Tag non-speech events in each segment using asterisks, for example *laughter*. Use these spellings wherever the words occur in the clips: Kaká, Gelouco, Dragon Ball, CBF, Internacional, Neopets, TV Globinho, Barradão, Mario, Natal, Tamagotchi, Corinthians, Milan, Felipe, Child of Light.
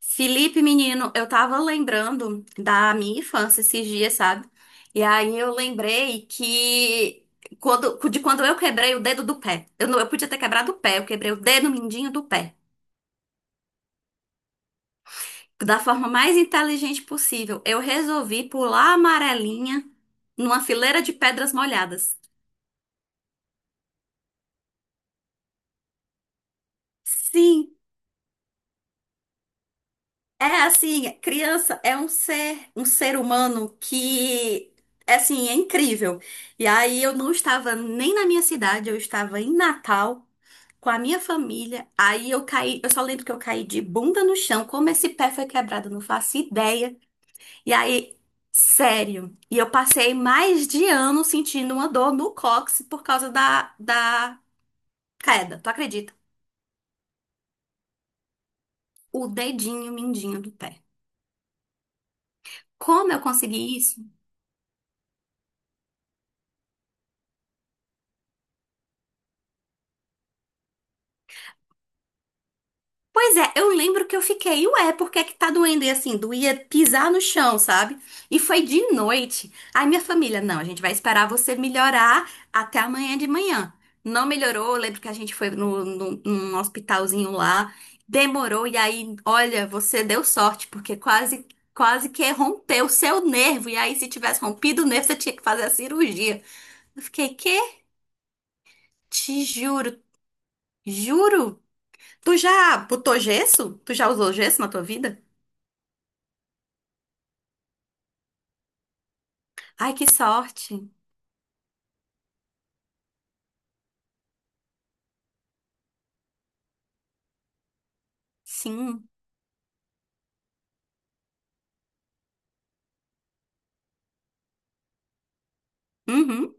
Felipe, menino, eu tava lembrando da minha infância esses dias, sabe? E aí eu lembrei que de quando eu quebrei o dedo do pé. Eu não, eu podia ter quebrado o pé, eu quebrei o dedo mindinho do pé. Da forma mais inteligente possível, eu resolvi pular a amarelinha numa fileira de pedras molhadas. Sim. É assim, criança é um ser humano que é assim, é incrível. E aí eu não estava nem na minha cidade, eu estava em Natal com a minha família. Aí eu caí, eu só lembro que eu caí de bunda no chão, como esse pé foi quebrado, eu não faço ideia. E aí, sério, e eu passei mais de ano sentindo uma dor no cóccix por causa da queda, tu acredita? O dedinho mindinho do pé. Como eu consegui isso? Pois é, eu lembro que eu fiquei, ué, por que que tá doendo? E assim, doía pisar no chão, sabe? E foi de noite. Aí minha família, não, a gente vai esperar você melhorar até amanhã de manhã. Não melhorou, eu lembro que a gente foi num hospitalzinho lá, demorou, e aí, olha, você deu sorte, porque quase, quase que rompeu o seu nervo. E aí, se tivesse rompido o nervo, você tinha que fazer a cirurgia. Eu fiquei, quê? Te juro, juro. Tu já botou gesso? Tu já usou gesso na tua vida? Ai, que sorte. Sim. Uhum.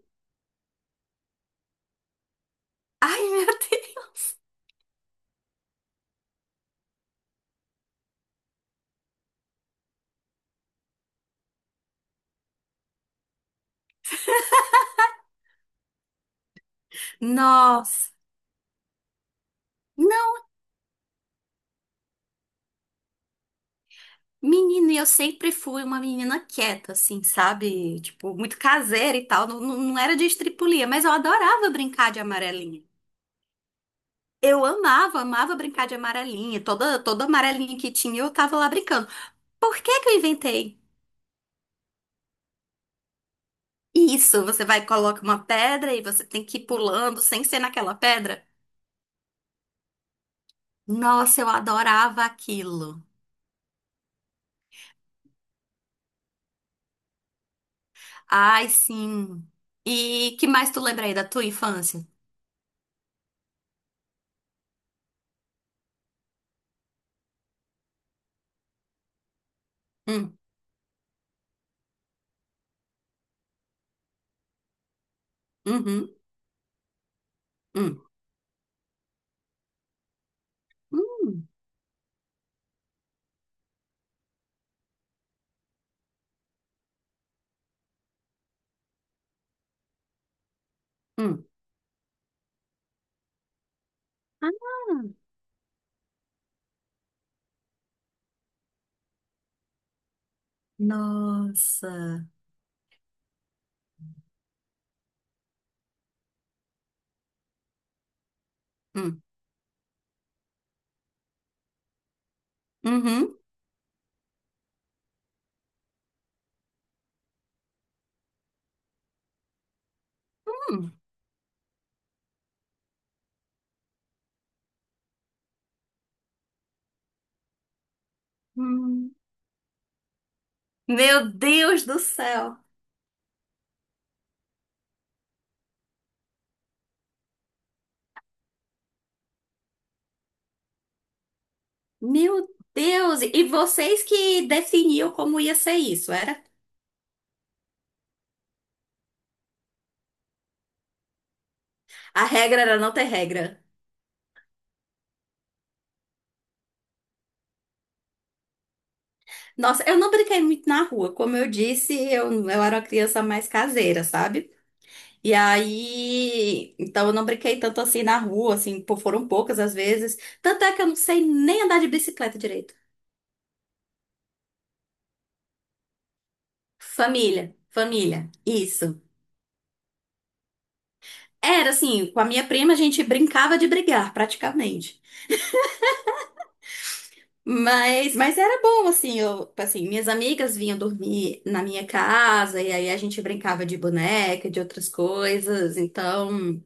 Ai, *laughs* meu Deus. Nossa. Não, menino, e eu sempre fui uma menina quieta, assim, sabe? Tipo, muito caseira e tal. Não, não, não era de estripulia, mas eu adorava brincar de amarelinha. Eu amava, amava brincar de amarelinha. Toda amarelinha que tinha, eu tava lá brincando. Por que que eu inventei isso? Você vai e coloca uma pedra e você tem que ir pulando sem ser naquela pedra? Nossa, eu adorava aquilo. Ai, sim. E que mais tu lembra aí da tua infância? Hum, uhum, hum, hum, hum. Ah, nossa. Hum, uhum, hum, hum. Meu Deus do céu. Meu Deus. E vocês que definiam como ia ser isso, era? A regra era não ter regra. Nossa, eu não brinquei muito na rua. Como eu disse, eu era uma criança mais caseira, sabe? E aí, então eu não brinquei tanto assim na rua, assim, pô, foram poucas as vezes. Tanto é que eu não sei nem andar de bicicleta direito. Família, família, isso. Era assim, com a minha prima a gente brincava de brigar, praticamente. Mas era bom, assim, eu, assim, minhas amigas vinham dormir na minha casa, e aí a gente brincava de boneca, de outras coisas, então,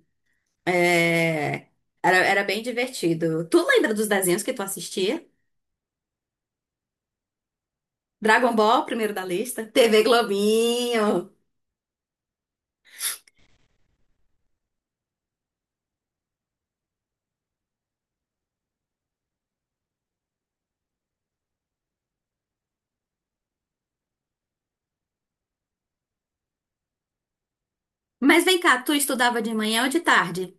é, era bem divertido. Tu lembra dos desenhos que tu assistia? Dragon Ball, primeiro da lista. TV Globinho. Mas vem cá, tu estudava de manhã ou de tarde?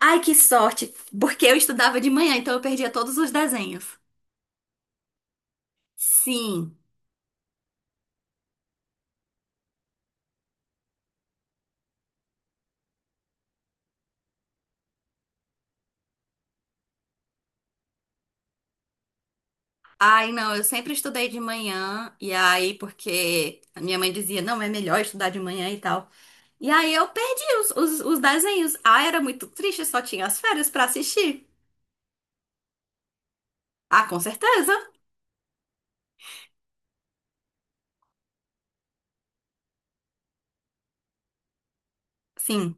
Ai, que sorte, porque eu estudava de manhã, então eu perdia todos os desenhos. Sim. Ai, não, eu sempre estudei de manhã, e aí, porque a minha mãe dizia, não, é melhor estudar de manhã e tal. E aí eu perdi os desenhos. Ah, era muito triste, só tinha as férias pra assistir. Ah, com certeza. Sim.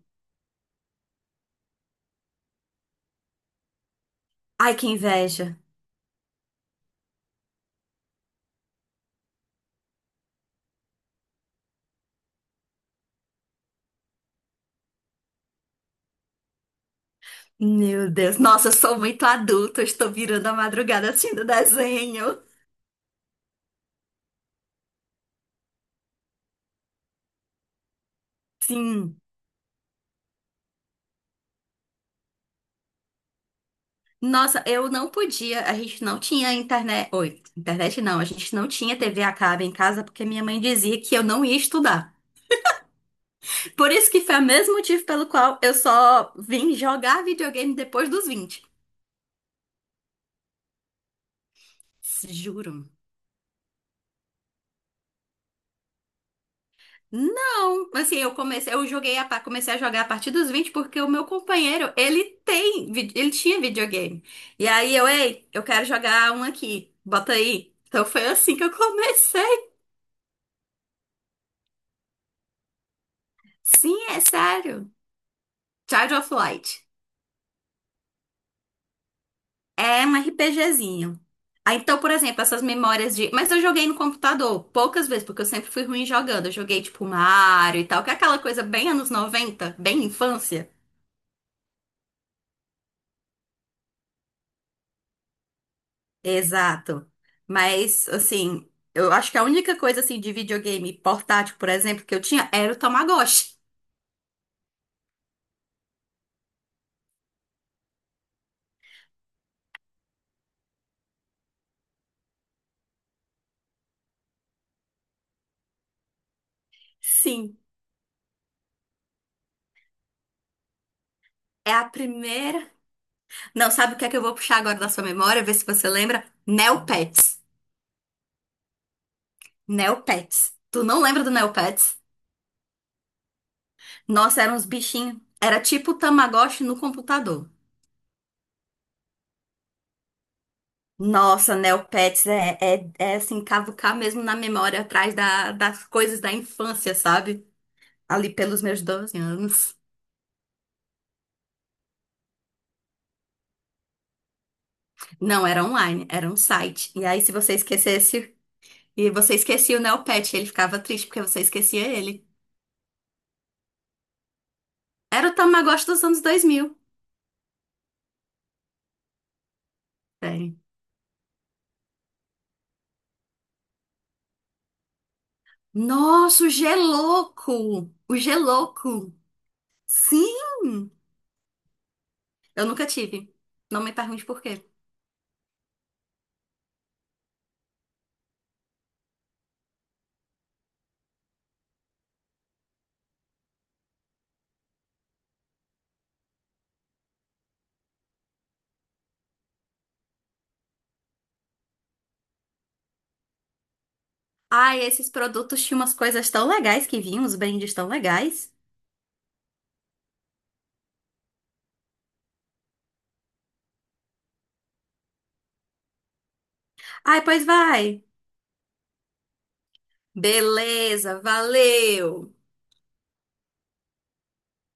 Ai, que inveja. Meu Deus, nossa, eu sou muito adulta, eu estou virando a madrugada assistindo desenho. Sim. Nossa, eu não podia, a gente não tinha internet. Oi, internet não, a gente não tinha TV a cabo em casa porque minha mãe dizia que eu não ia estudar. Por isso que foi o mesmo motivo pelo qual eu só vim jogar videogame depois dos 20. Juro. Não, assim, eu comecei, eu joguei a, pa- comecei a jogar a partir dos 20 porque o meu companheiro, ele tinha videogame. E aí eu, ei, eu quero jogar um aqui, bota aí. Então foi assim que eu comecei. Sim, é sério. Child of Light. É um RPGzinho. Ah, então, por exemplo, essas memórias de. Mas eu joguei no computador poucas vezes, porque eu sempre fui ruim jogando. Eu joguei tipo Mario e tal, que é aquela coisa bem anos 90, bem infância. Exato. Mas, assim, eu acho que a única coisa, assim, de videogame portátil, por exemplo, que eu tinha era o Tamagotchi. *laughs* Sim, é a primeira. Não, sabe o que é que eu vou puxar agora da sua memória, ver se você lembra? Neopets. Neopets. Tu não lembra do Neopets? Nossa, eram uns bichinhos. Era tipo o Tamagotchi no computador. Nossa, Neopets é assim, cavucar mesmo na memória atrás das coisas da infância, sabe? Ali pelos meus 12 anos. Não, era online, era um site. E aí, se você esquecesse, e você esquecia o Neopet, ele ficava triste porque você esquecia ele. Era o Tamagotchi dos anos 2000. Sério. Nossa, o Gelouco! O Gelouco! Sim! Eu nunca tive. Não me pergunte por quê. Ai, esses produtos tinham umas coisas tão legais que vinham, os brindes tão legais. Ai, pois vai. Beleza, valeu!